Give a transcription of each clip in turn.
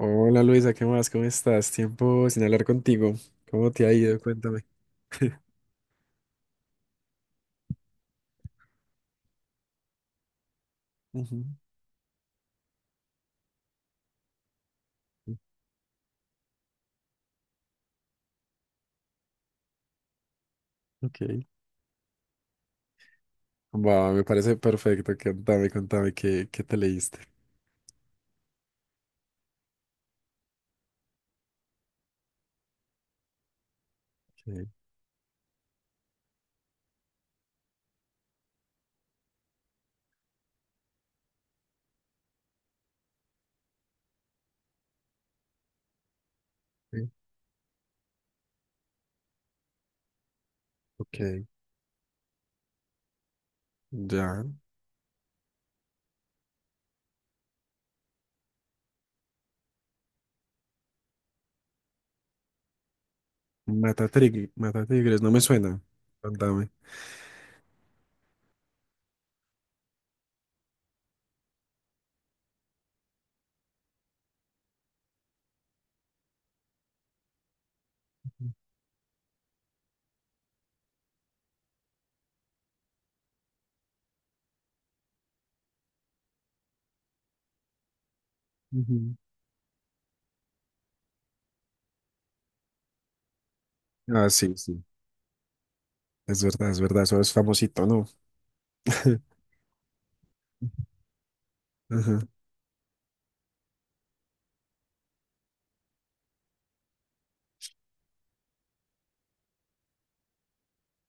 Hola Luisa, ¿qué más? ¿Cómo estás? Tiempo sin hablar contigo. ¿Cómo te ha ido? Cuéntame. Ujú. Ok. Va, me parece perfecto. Contame, contame, ¿qué te leíste? Ok. Sí. Ok. Ya. Matatigres, no me suena. Contame. Ujú. Ah, sí, sí. Es verdad, es verdad. Eso es famosito, ¿no? Ajá.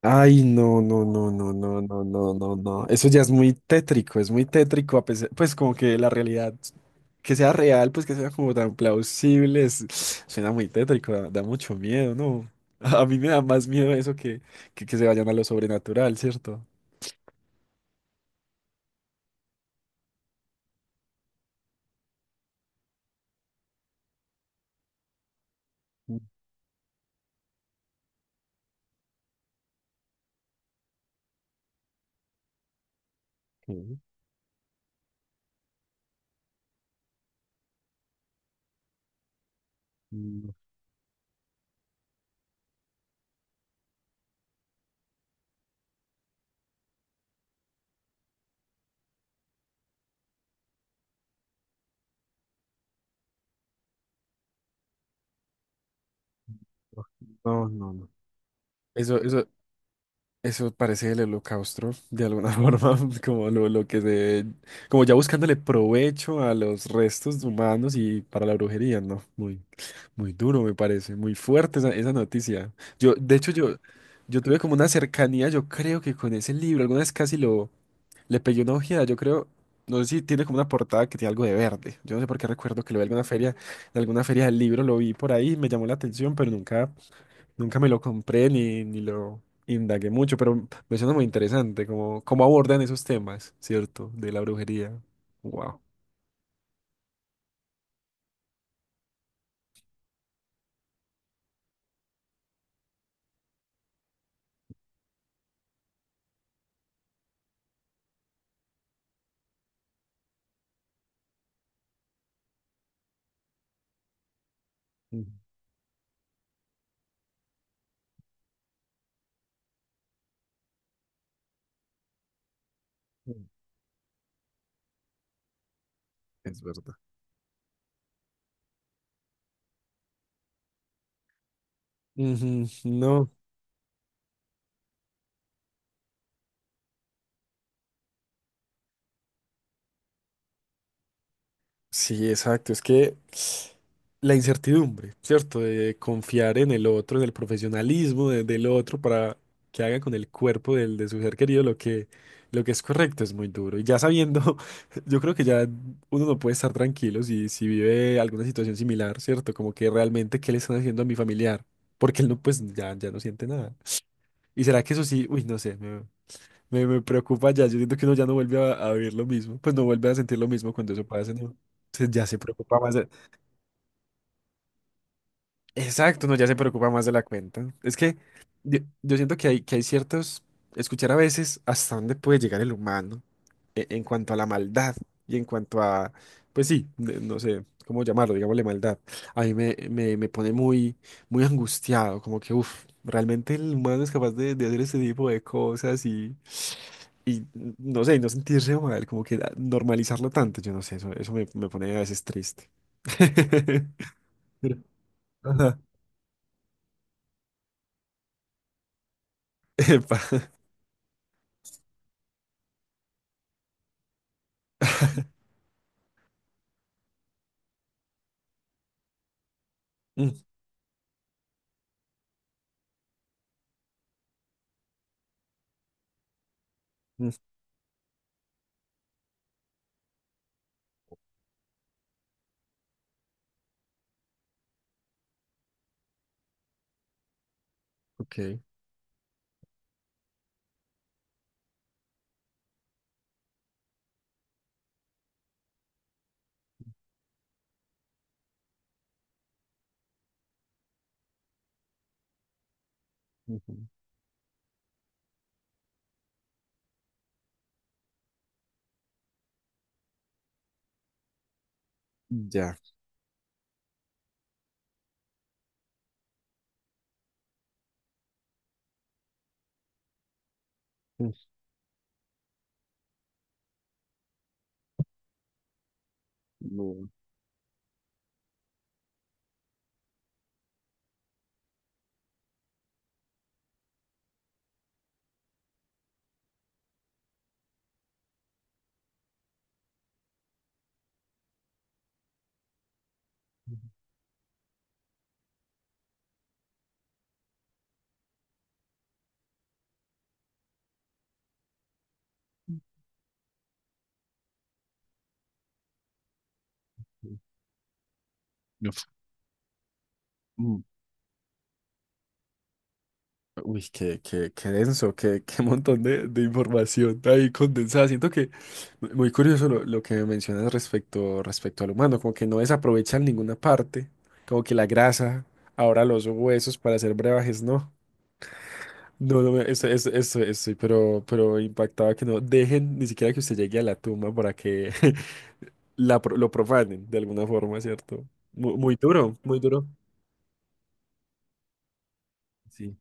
Ay, no, no, no, no, no, no, no, no, no. Eso ya es muy tétrico, a pesar, pues como que la realidad, que sea real, pues que sea como tan plausible, suena muy tétrico, da, da mucho miedo, ¿no? A mí me da más miedo eso que se vayan a lo sobrenatural, ¿cierto? Ok. No, no, no. Eso, eso, eso parece el holocausto, de alguna forma, como lo que se, como ya buscándole provecho a los restos humanos y para la brujería, ¿no? Muy. Muy duro, me parece, muy fuerte esa, esa noticia. Yo, de hecho, yo tuve como una cercanía, yo creo que con ese libro, alguna vez casi lo, le pegué una ojeada, yo creo, no sé si tiene como una portada que tiene algo de verde. Yo no sé por qué recuerdo que lo vi en alguna feria del libro, lo vi por ahí, me llamó la atención, pero nunca, nunca me lo compré ni lo indagué mucho, pero me suena muy interesante, como, cómo abordan esos temas, ¿cierto? De la brujería. Wow. Es verdad. Ujú. No. Sí, exacto. Es que la incertidumbre, ¿cierto? De confiar en el otro, en el profesionalismo del otro para que haga con el cuerpo del, de su ser querido lo que es correcto es muy duro. Y ya sabiendo, yo creo que ya uno no puede estar tranquilo si, si vive alguna situación similar, ¿cierto? Como que realmente, ¿qué le están haciendo a mi familiar? Porque él no, pues ya, ya no siente nada. ¿Y será que eso sí? Uy, no sé. Me preocupa ya. Yo siento que uno ya no vuelve a vivir lo mismo. Pues no vuelve a sentir lo mismo cuando eso pasa, ¿no? Ya se preocupa más de... Exacto, no, ya se preocupa más de la cuenta. Es que yo siento que hay ciertos... Escuchar a veces hasta dónde puede llegar el humano en cuanto a la maldad y en cuanto a... Pues sí, no sé cómo llamarlo, digámosle maldad. A mí me, me, me pone muy, muy angustiado, como que, uff, realmente el humano es capaz de hacer ese tipo de cosas. Y no sé, y no sentirse mal, como que ah, normalizarlo tanto, yo no sé, eso me, me pone a veces triste. Pero- Ajá. Epa. Mm, mm, ok. Ujú. Ya. Mm. No. No. Mm. Uy, qué, qué, qué denso, qué, qué montón de información ahí condensada. Siento que muy curioso lo que mencionas respecto, respecto al humano, como que no desaprovechan ninguna parte, como que la grasa, ahora los huesos para hacer brebajes, ¿no? No, no, eso, estoy, pero impactaba que no dejen ni siquiera que usted llegue a la tumba para que la, lo profanen de alguna forma, ¿cierto? Muy duro, muy duro. Sí.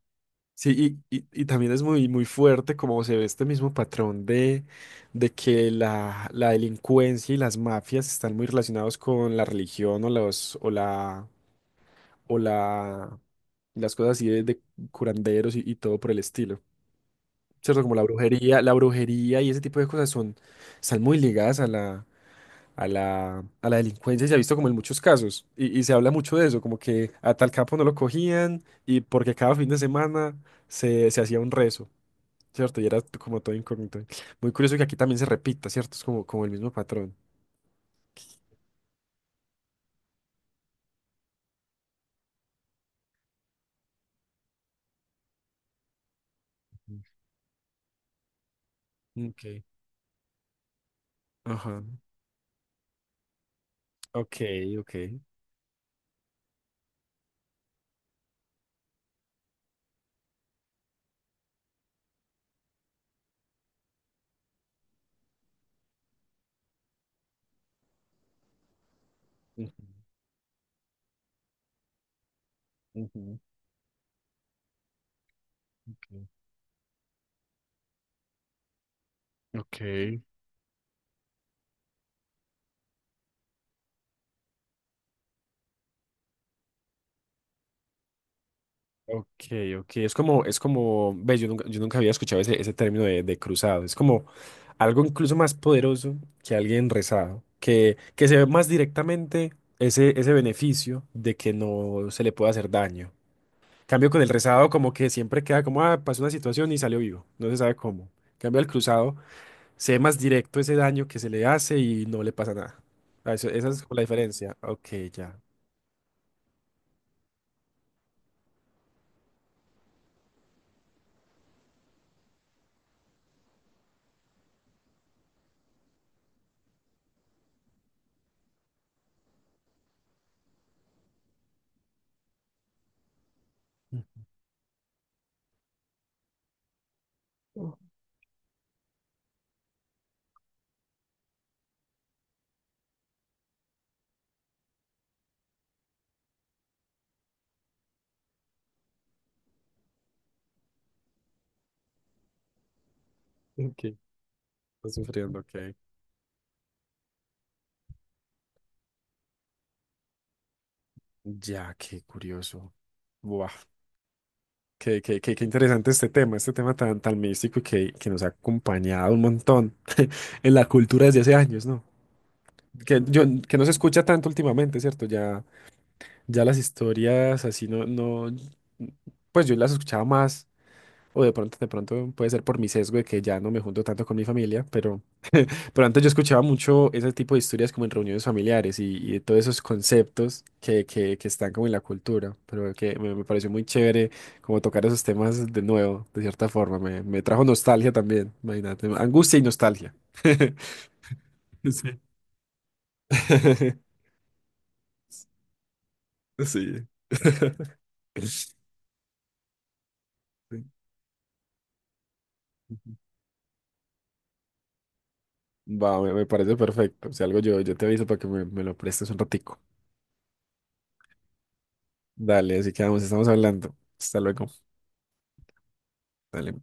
Sí, y también es muy, muy fuerte como se ve este mismo patrón de que la delincuencia y las mafias están muy relacionados con la religión o los, o la, las cosas así de curanderos y todo por el estilo. ¿Cierto? Como la brujería y ese tipo de cosas son, están muy ligadas a la, a la, a la delincuencia, y se ha visto como en muchos casos, y se habla mucho de eso, como que a tal capo no lo cogían, y porque cada fin de semana se, se hacía un rezo, ¿cierto? Y era como todo incógnito. Muy curioso que aquí también se repita, ¿cierto? Es como, como el mismo patrón. Mm. Ok. Ajá. Ok, ok. Ujú, ujú, ok. Ok. Ok, ok. Es como, ves, yo nunca había escuchado ese, ese término de cruzado. Es como algo incluso más poderoso que alguien rezado, que se ve más directamente ese, ese beneficio de que no se le puede hacer daño. Cambio con el rezado, como que siempre queda como, ah, pasó una situación y salió vivo, no se sabe cómo. Cambio al cruzado, se ve más directo ese daño que se le hace y no le pasa nada. Ah, esa es como la diferencia. Ok, ya. Ok. Está sufriendo, ok. Ya, qué curioso. Buah, qué, qué interesante este tema tan, tan místico y que nos ha acompañado un montón en la cultura desde hace años, ¿no? Que, yo, que no se escucha tanto últimamente, ¿cierto? Ya, ya las historias así no, no, pues yo las escuchaba más, o de pronto puede ser por mi sesgo de que ya no me junto tanto con mi familia, pero... Pero antes yo escuchaba mucho ese tipo de historias como en reuniones familiares y de todos esos conceptos que están como en la cultura, pero que me pareció muy chévere como tocar esos temas de nuevo, de cierta forma. Me trajo nostalgia también, imagínate, angustia y nostalgia. Sí. Sí. Va, me parece perfecto. Si algo yo, yo te aviso para que me lo prestes un ratico. Dale, así que vamos estamos hablando. Hasta luego. Dale.